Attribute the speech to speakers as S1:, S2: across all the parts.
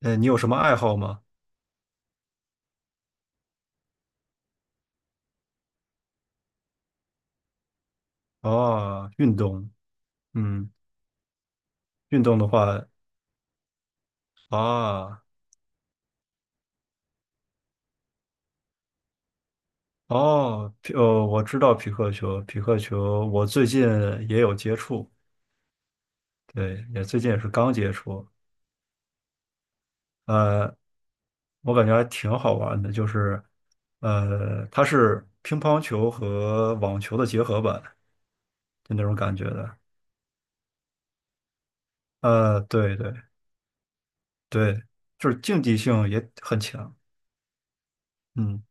S1: 你有什么爱好吗？哦，运动。嗯，运动的话，啊，哦，匹我知道匹克球，匹克球，我最近也有接触。对，也最近也是刚接触。呃，我感觉还挺好玩的，就是，它是乒乓球和网球的结合版，就那种感觉的。对对对，就是竞技性也很强。嗯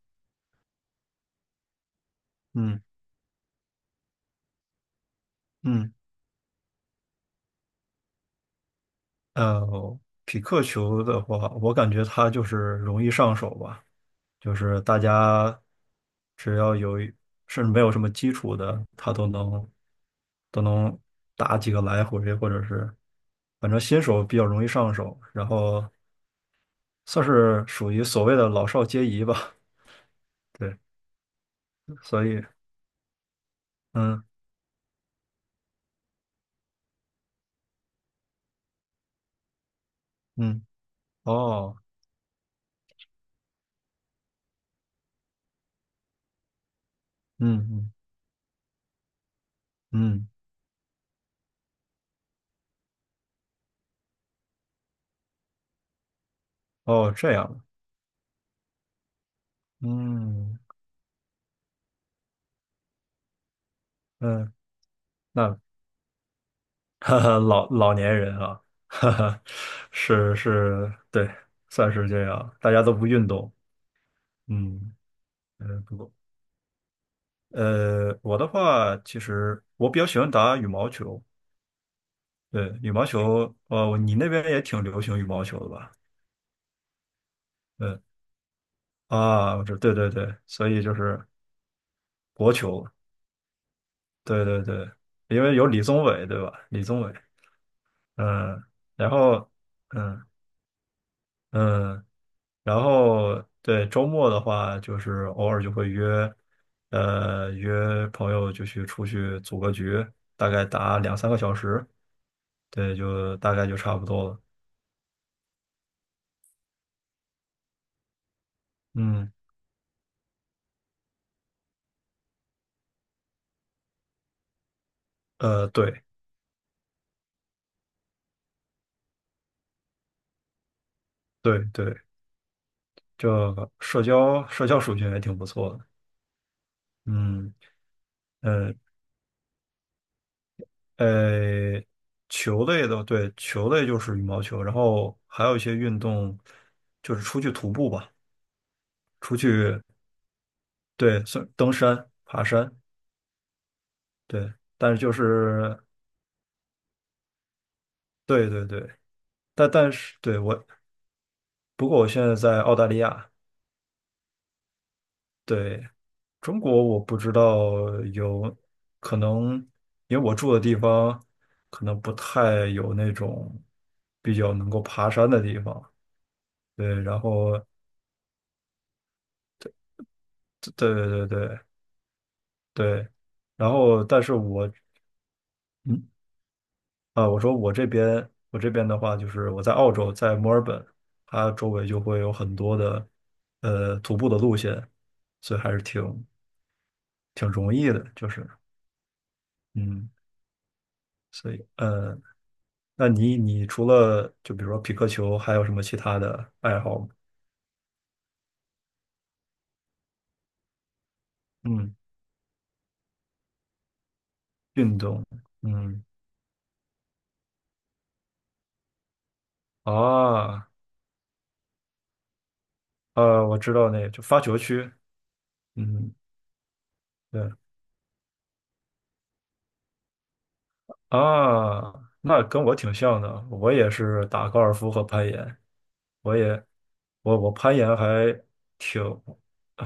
S1: 嗯嗯。呃，匹克球的话，我感觉它就是容易上手吧。就是大家只要有一甚至没有什么基础的，他都能打几个来回，或者是反正新手比较容易上手，然后算是属于所谓的老少皆宜吧。对，所以嗯嗯，哦，嗯嗯嗯，哦这样，嗯嗯，那 哈哈，老老年人啊，哈哈，是是，对，算是这样，大家都不运动。嗯，不过，我的话，其实我比较喜欢打羽毛球。对，羽毛球。哦，你那边也挺流行羽毛球的吧？嗯，啊，我知，对对对，所以就是国球。对对对，因为有李宗伟，对吧？李宗伟，嗯。然后，嗯嗯。然后对周末的话，就是偶尔就会约，约朋友就去出去组个局，大概打两三个小时。对，就大概就差不多了。嗯，对对对，这个社交属性也挺不错的。嗯，呃呃，球类的，对，球类就是羽毛球，然后还有一些运动，就是出去徒步吧。出去，对，算登山、爬山。对，但是就是对对对，但是对我，不过我现在在澳大利亚。对，中国我不知道有可能，因为我住的地方可能不太有那种比较能够爬山的地方。对，然后对对对对对，然后但是我。嗯。啊，我说我这边，我这边的话，就是我在澳洲，在墨尔本，它周围就会有很多的徒步的路线，所以还是挺容易的，就是嗯，所以那你你除了就比如说匹克球，还有什么其他的爱好吗？嗯，运动，嗯啊，啊，我知道那个就发球区。嗯，对啊，那跟我挺像的，我也是打高尔夫和攀岩。我也我我攀岩还挺，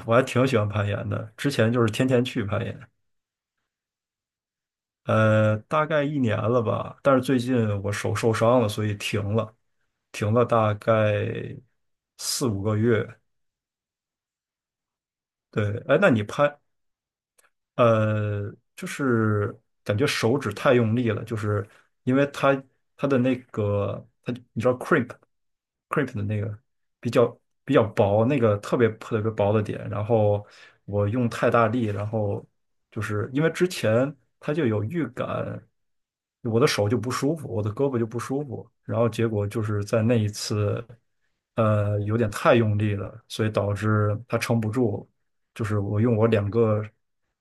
S1: 我还挺喜欢攀岩的。之前就是天天去攀岩，大概一年了吧。但是最近我手受伤了，所以停了，停了大概4、5个月。对，哎，那你攀就是感觉手指太用力了，就是因为它它的那个它，你知道 c r e e p 的那个比较比较薄，那个特别特别薄的点，然后我用太大力，然后就是因为之前他就有预感，我的手就不舒服，我的胳膊就不舒服，然后结果就是在那一次，有点太用力了，所以导致它撑不住，就是我用我两个，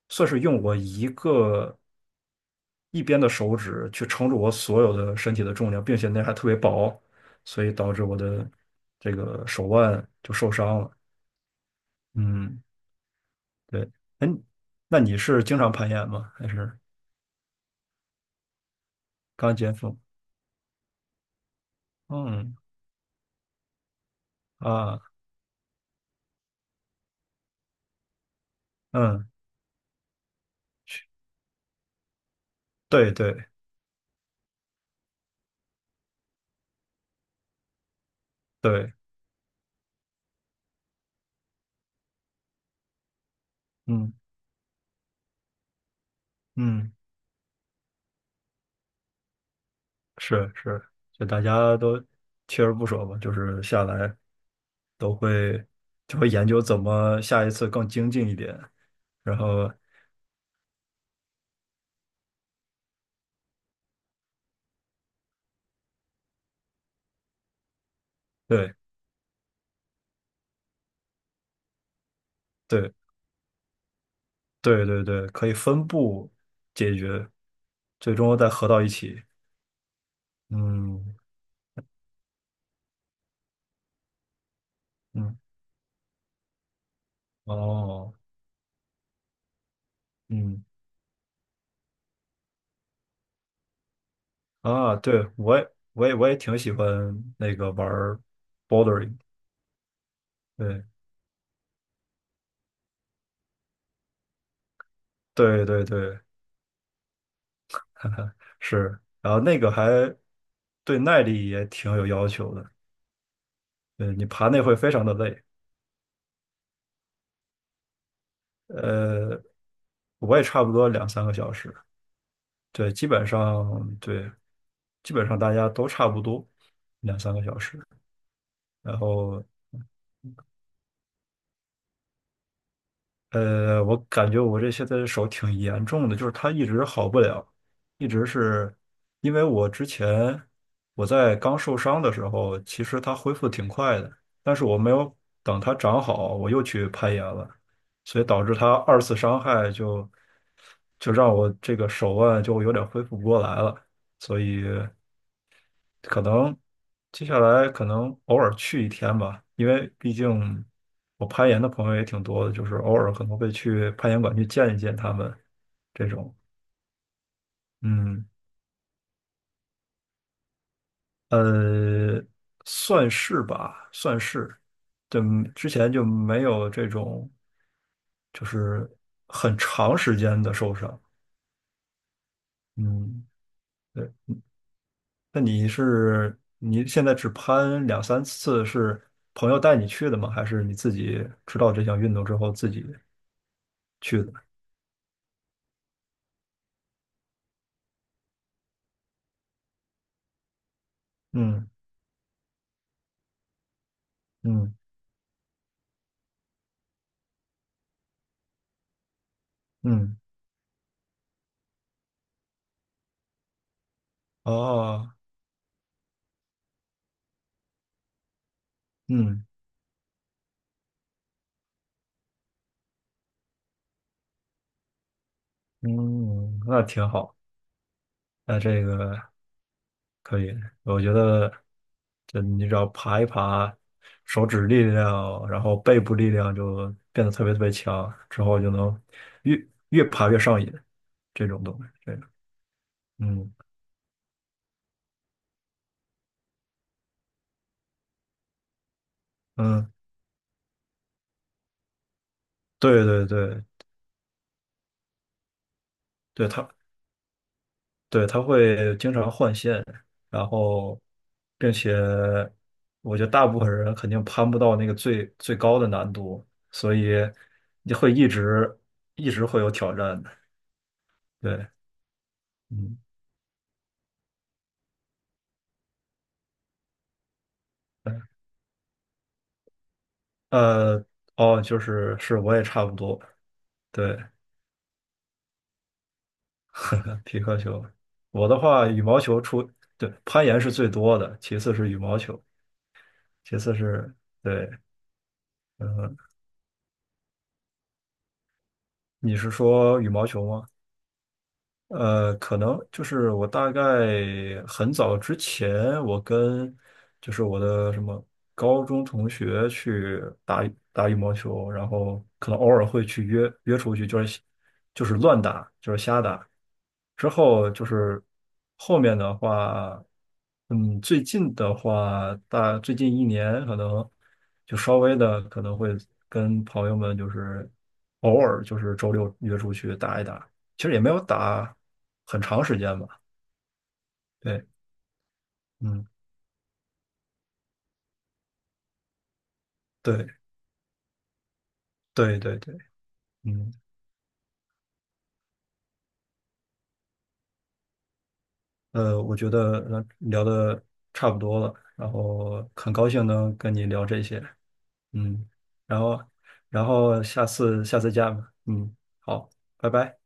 S1: 算是用我一个一边的手指去撑住我所有的身体的重量，并且那还特别薄，所以导致我的这个手腕就受伤了。嗯，对。哎，那你是经常攀岩吗？还是刚接触？嗯啊，嗯，对对对，嗯嗯。是是，就大家都锲而不舍吧，就是下来都会就会研究怎么下一次更精进一点，然后对对对对对，可以分步解决，最终再合到一起。嗯嗯，哦，嗯，啊，对我也挺喜欢那个玩 bordering 对对对对。是，然后那个还对耐力也挺有要求的。你爬那会非常的累。呃，我也差不多两三个小时。对，基本上对，基本上大家都差不多两三个小时。然后我感觉我这现在手挺严重的，就是它一直好不了，一直是因为我之前我在刚受伤的时候，其实它恢复挺快的，但是我没有等它长好，我又去攀岩了，所以导致它二次伤害就让我这个手腕就有点恢复不过来了，所以。可能接下来可能偶尔去一天吧，因为毕竟我攀岩的朋友也挺多的，就是偶尔可能会去攀岩馆去见一见他们这种。嗯，呃，算是吧，算是，就之前就没有这种就是很长时间的受伤。嗯，对。那你是你现在只攀2、3次，是朋友带你去的吗？还是你自己知道这项运动之后自己去的？嗯嗯嗯，哦，嗯嗯，那挺好。那这个可以，我觉得就你只要爬一爬，手指力量，然后背部力量就变得特别特别强，之后就能越爬越上瘾，这种东西，这个，嗯嗯，对对对。对，它对，他会经常换线，然后，并且我觉得大部分人肯定攀不到那个最最高的难度，所以你会一直一直会有挑战的。对，嗯，呃，哦，就是是我也差不多。对，皮克球，我的话羽毛球出，对，攀岩是最多的，其次是羽毛球，其次是对。嗯，你是说羽毛球吗？可能就是我大概很早之前，我跟就是我的什么高中同学去打打羽毛球，然后可能偶尔会去约出去，就是就是乱打，就是瞎打。之后就是后面的话，嗯，最近的话，最近一年可能就稍微的可能会跟朋友们就是偶尔就是周六约出去打一打。其实也没有打很长时间吧。对，嗯，对，对，对，对，嗯，我觉得聊的差不多了，然后很高兴能跟你聊这些。嗯，然后，然后下次见吧。嗯，好，拜拜。